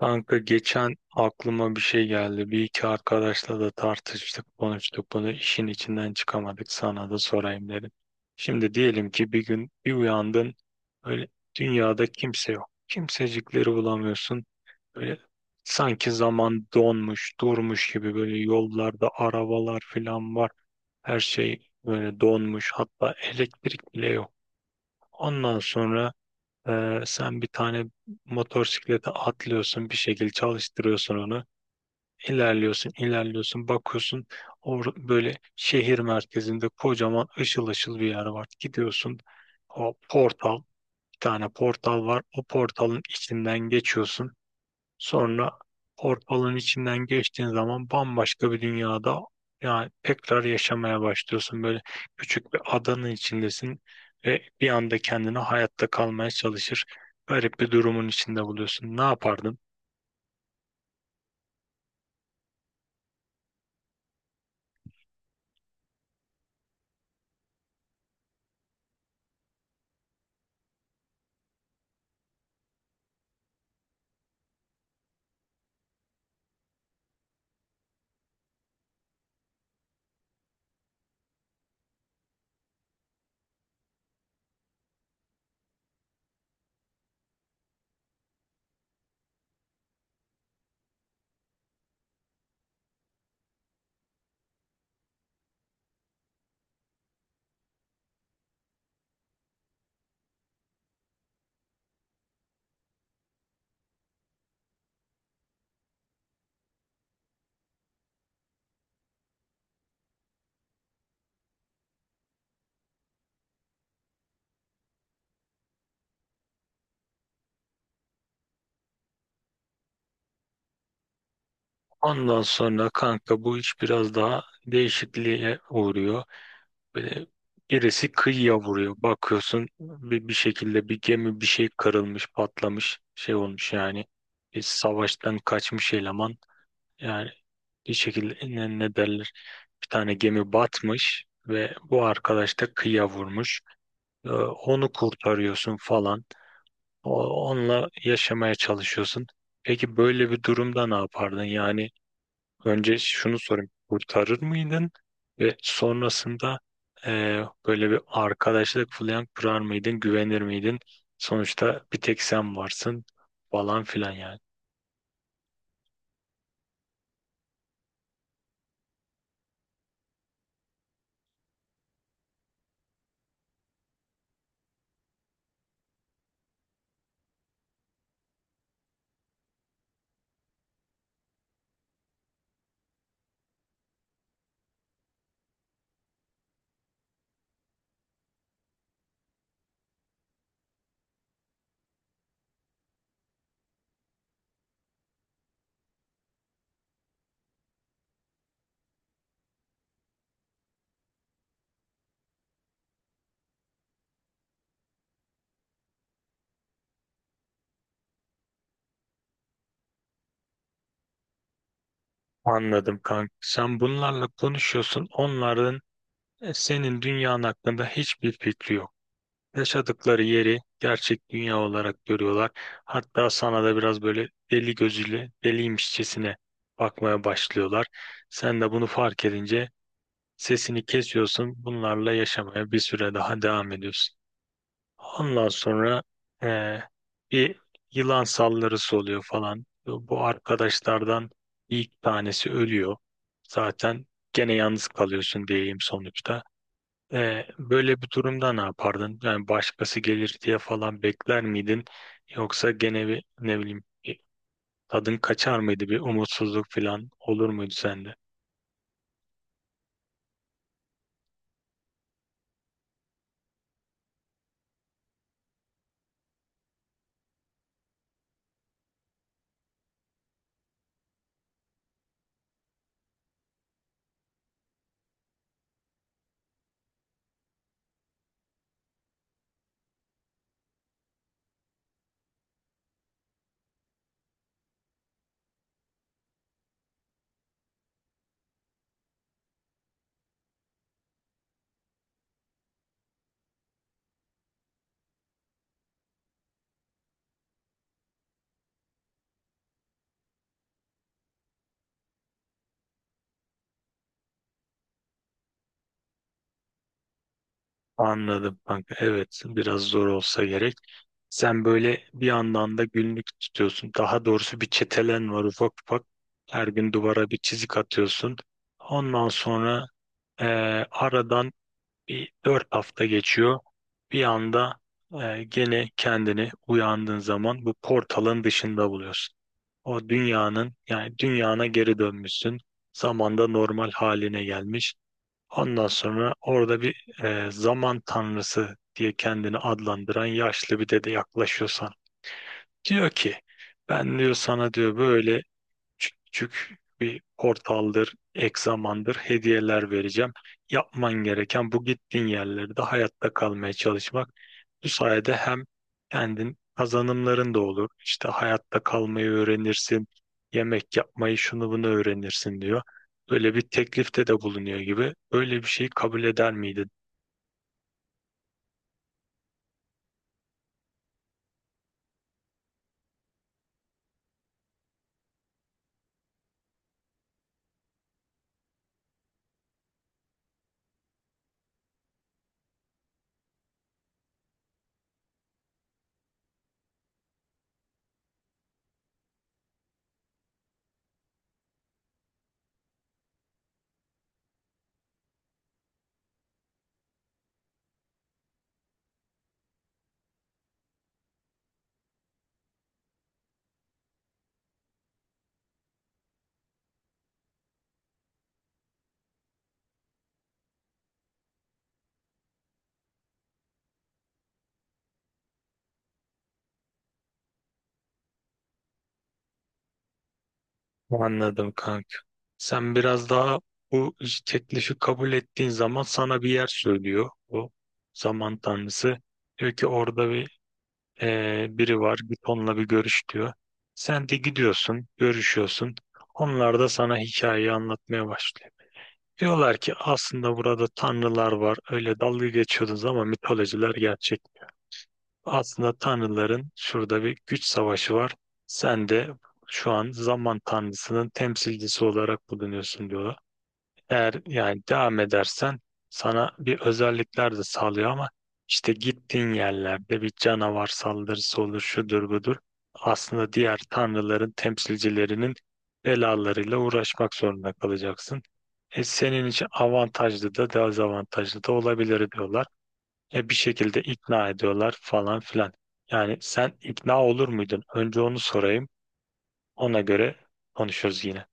Kanka geçen aklıma bir şey geldi. Bir iki arkadaşla da tartıştık, konuştuk bunu. İşin içinden çıkamadık. Sana da sorayım dedim. Şimdi diyelim ki bir gün bir uyandın. Böyle dünyada kimse yok. Kimsecikleri bulamıyorsun. Böyle sanki zaman donmuş, durmuş gibi böyle yollarda arabalar falan var. Her şey böyle donmuş. Hatta elektrik bile yok. Ondan sonra sen bir tane motosiklete atlıyorsun, bir şekilde çalıştırıyorsun onu. İlerliyorsun, ilerliyorsun, bakıyorsun. Böyle şehir merkezinde kocaman ışıl ışıl bir yer var. Gidiyorsun, o portal, bir tane portal var. O portalın içinden geçiyorsun. Sonra portalın içinden geçtiğin zaman bambaşka bir dünyada yani tekrar yaşamaya başlıyorsun. Böyle küçük bir adanın içindesin ve bir anda kendini hayatta kalmaya çalışır. Garip bir durumun içinde buluyorsun. Ne yapardın? Ondan sonra kanka bu iş biraz daha değişikliğe uğruyor. Böyle birisi kıyıya vuruyor. Bakıyorsun bir şekilde bir gemi bir şey kırılmış, patlamış, şey olmuş yani. Bir savaştan kaçmış eleman. Yani bir şekilde ne derler bir tane gemi batmış ve bu arkadaş da kıyıya vurmuş. Onu kurtarıyorsun falan. Onunla yaşamaya çalışıyorsun. Peki böyle bir durumda ne yapardın? Yani önce şunu sorayım. Kurtarır mıydın? Ve sonrasında böyle bir arkadaşlık falan kurar mıydın? Güvenir miydin? Sonuçta bir tek sen varsın falan filan yani. Anladım kanka. Sen bunlarla konuşuyorsun. Onların senin dünyanın hakkında hiçbir fikri yok. Yaşadıkları yeri gerçek dünya olarak görüyorlar. Hatta sana da biraz böyle deli gözüyle, deliymişçesine bakmaya başlıyorlar. Sen de bunu fark edince sesini kesiyorsun. Bunlarla yaşamaya bir süre daha devam ediyorsun. Ondan sonra e, bir yılan saldırısı oluyor falan. Bu arkadaşlardan ilk tanesi ölüyor. Zaten gene yalnız kalıyorsun diyeyim sonuçta. Böyle bir durumda ne yapardın? Yani başkası gelir diye falan bekler miydin? Yoksa gene bir ne bileyim bir tadın kaçar mıydı? Bir umutsuzluk falan olur muydu sende? Anladım kanka. Evet biraz zor olsa gerek. Sen böyle bir yandan da günlük tutuyorsun. Daha doğrusu bir çetelen var ufak ufak. Her gün duvara bir çizik atıyorsun. Ondan sonra e, aradan bir dört hafta geçiyor. Bir anda gene kendini uyandığın zaman bu portalın dışında buluyorsun. O dünyanın yani dünyana geri dönmüşsün. Zamanda normal haline gelmiş. Ondan sonra orada bir zaman tanrısı diye kendini adlandıran yaşlı bir dede yaklaşıyorsan. Diyor ki ben diyor sana diyor böyle küçük bir portaldır, egzamandır, hediyeler vereceğim. Yapman gereken bu gittiğin yerlerde hayatta kalmaya çalışmak. Bu sayede hem kendin kazanımların da olur. İşte hayatta kalmayı öğrenirsin, yemek yapmayı şunu bunu öğrenirsin diyor. Böyle bir teklifte de bulunuyor gibi. Böyle bir şeyi kabul eder miydin? Anladım kanka. Sen biraz daha bu teklifi kabul ettiğin zaman sana bir yer söylüyor bu zaman tanrısı. Diyor ki orada bir biri var git onunla bir görüş diyor. Sen de gidiyorsun, görüşüyorsun. Onlar da sana hikayeyi anlatmaya başlıyor. Diyorlar ki aslında burada tanrılar var. Öyle dalga geçiyordunuz ama mitolojiler gerçek. Aslında tanrıların şurada bir güç savaşı var. Sen de şu an zaman tanrısının temsilcisi olarak bulunuyorsun diyorlar. Eğer yani devam edersen sana bir özellikler de sağlıyor ama işte gittiğin yerlerde bir canavar saldırısı olur, şudur budur. Aslında diğer tanrıların temsilcilerinin belalarıyla uğraşmak zorunda kalacaksın. Senin için avantajlı da dezavantajlı da olabilir diyorlar. Bir şekilde ikna ediyorlar falan filan. Yani sen ikna olur muydun? Önce onu sorayım. Ona göre konuşuruz yine.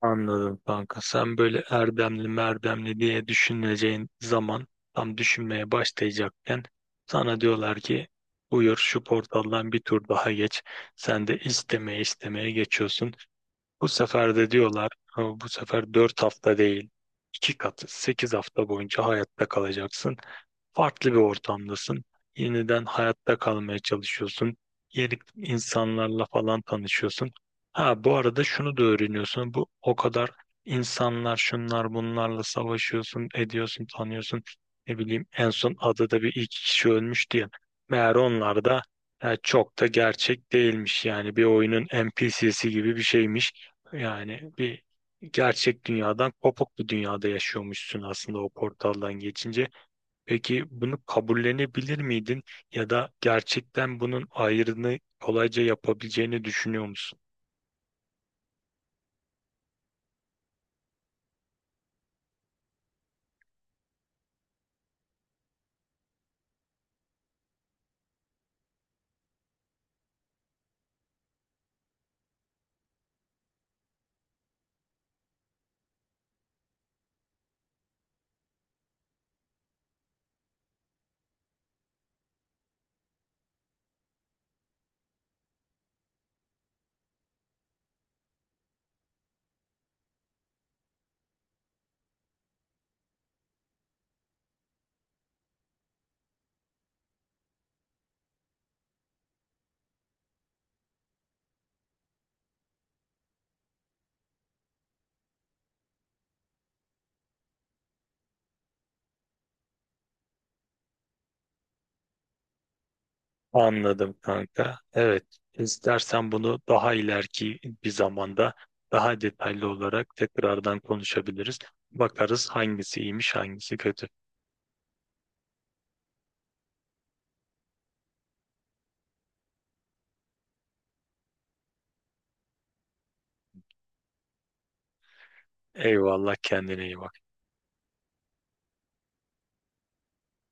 Anladım kanka. Sen böyle erdemli merdemli diye düşüneceğin zaman tam düşünmeye başlayacakken sana diyorlar ki buyur şu portaldan bir tur daha geç. Sen de istemeye istemeye geçiyorsun. Bu sefer de diyorlar "Ha, bu sefer 4 hafta değil 2 katı 8 hafta boyunca hayatta kalacaksın. Farklı bir ortamdasın. Yeniden hayatta kalmaya çalışıyorsun. Yeni insanlarla falan tanışıyorsun. Ha bu arada şunu da öğreniyorsun. Bu o kadar insanlar şunlar bunlarla savaşıyorsun, ediyorsun, tanıyorsun. Ne bileyim en son adada bir iki kişi ölmüş diye. Meğer onlar da çok da gerçek değilmiş. Yani bir oyunun NPC'si gibi bir şeymiş. Yani bir gerçek dünyadan kopuk bir dünyada yaşıyormuşsun aslında o portaldan geçince. Peki bunu kabullenebilir miydin ya da gerçekten bunun ayrını kolayca yapabileceğini düşünüyor musun? Anladım kanka. Evet. istersen bunu daha ileriki bir zamanda daha detaylı olarak tekrardan konuşabiliriz. Bakarız hangisi iyiymiş, hangisi kötü. Eyvallah kendine iyi bak.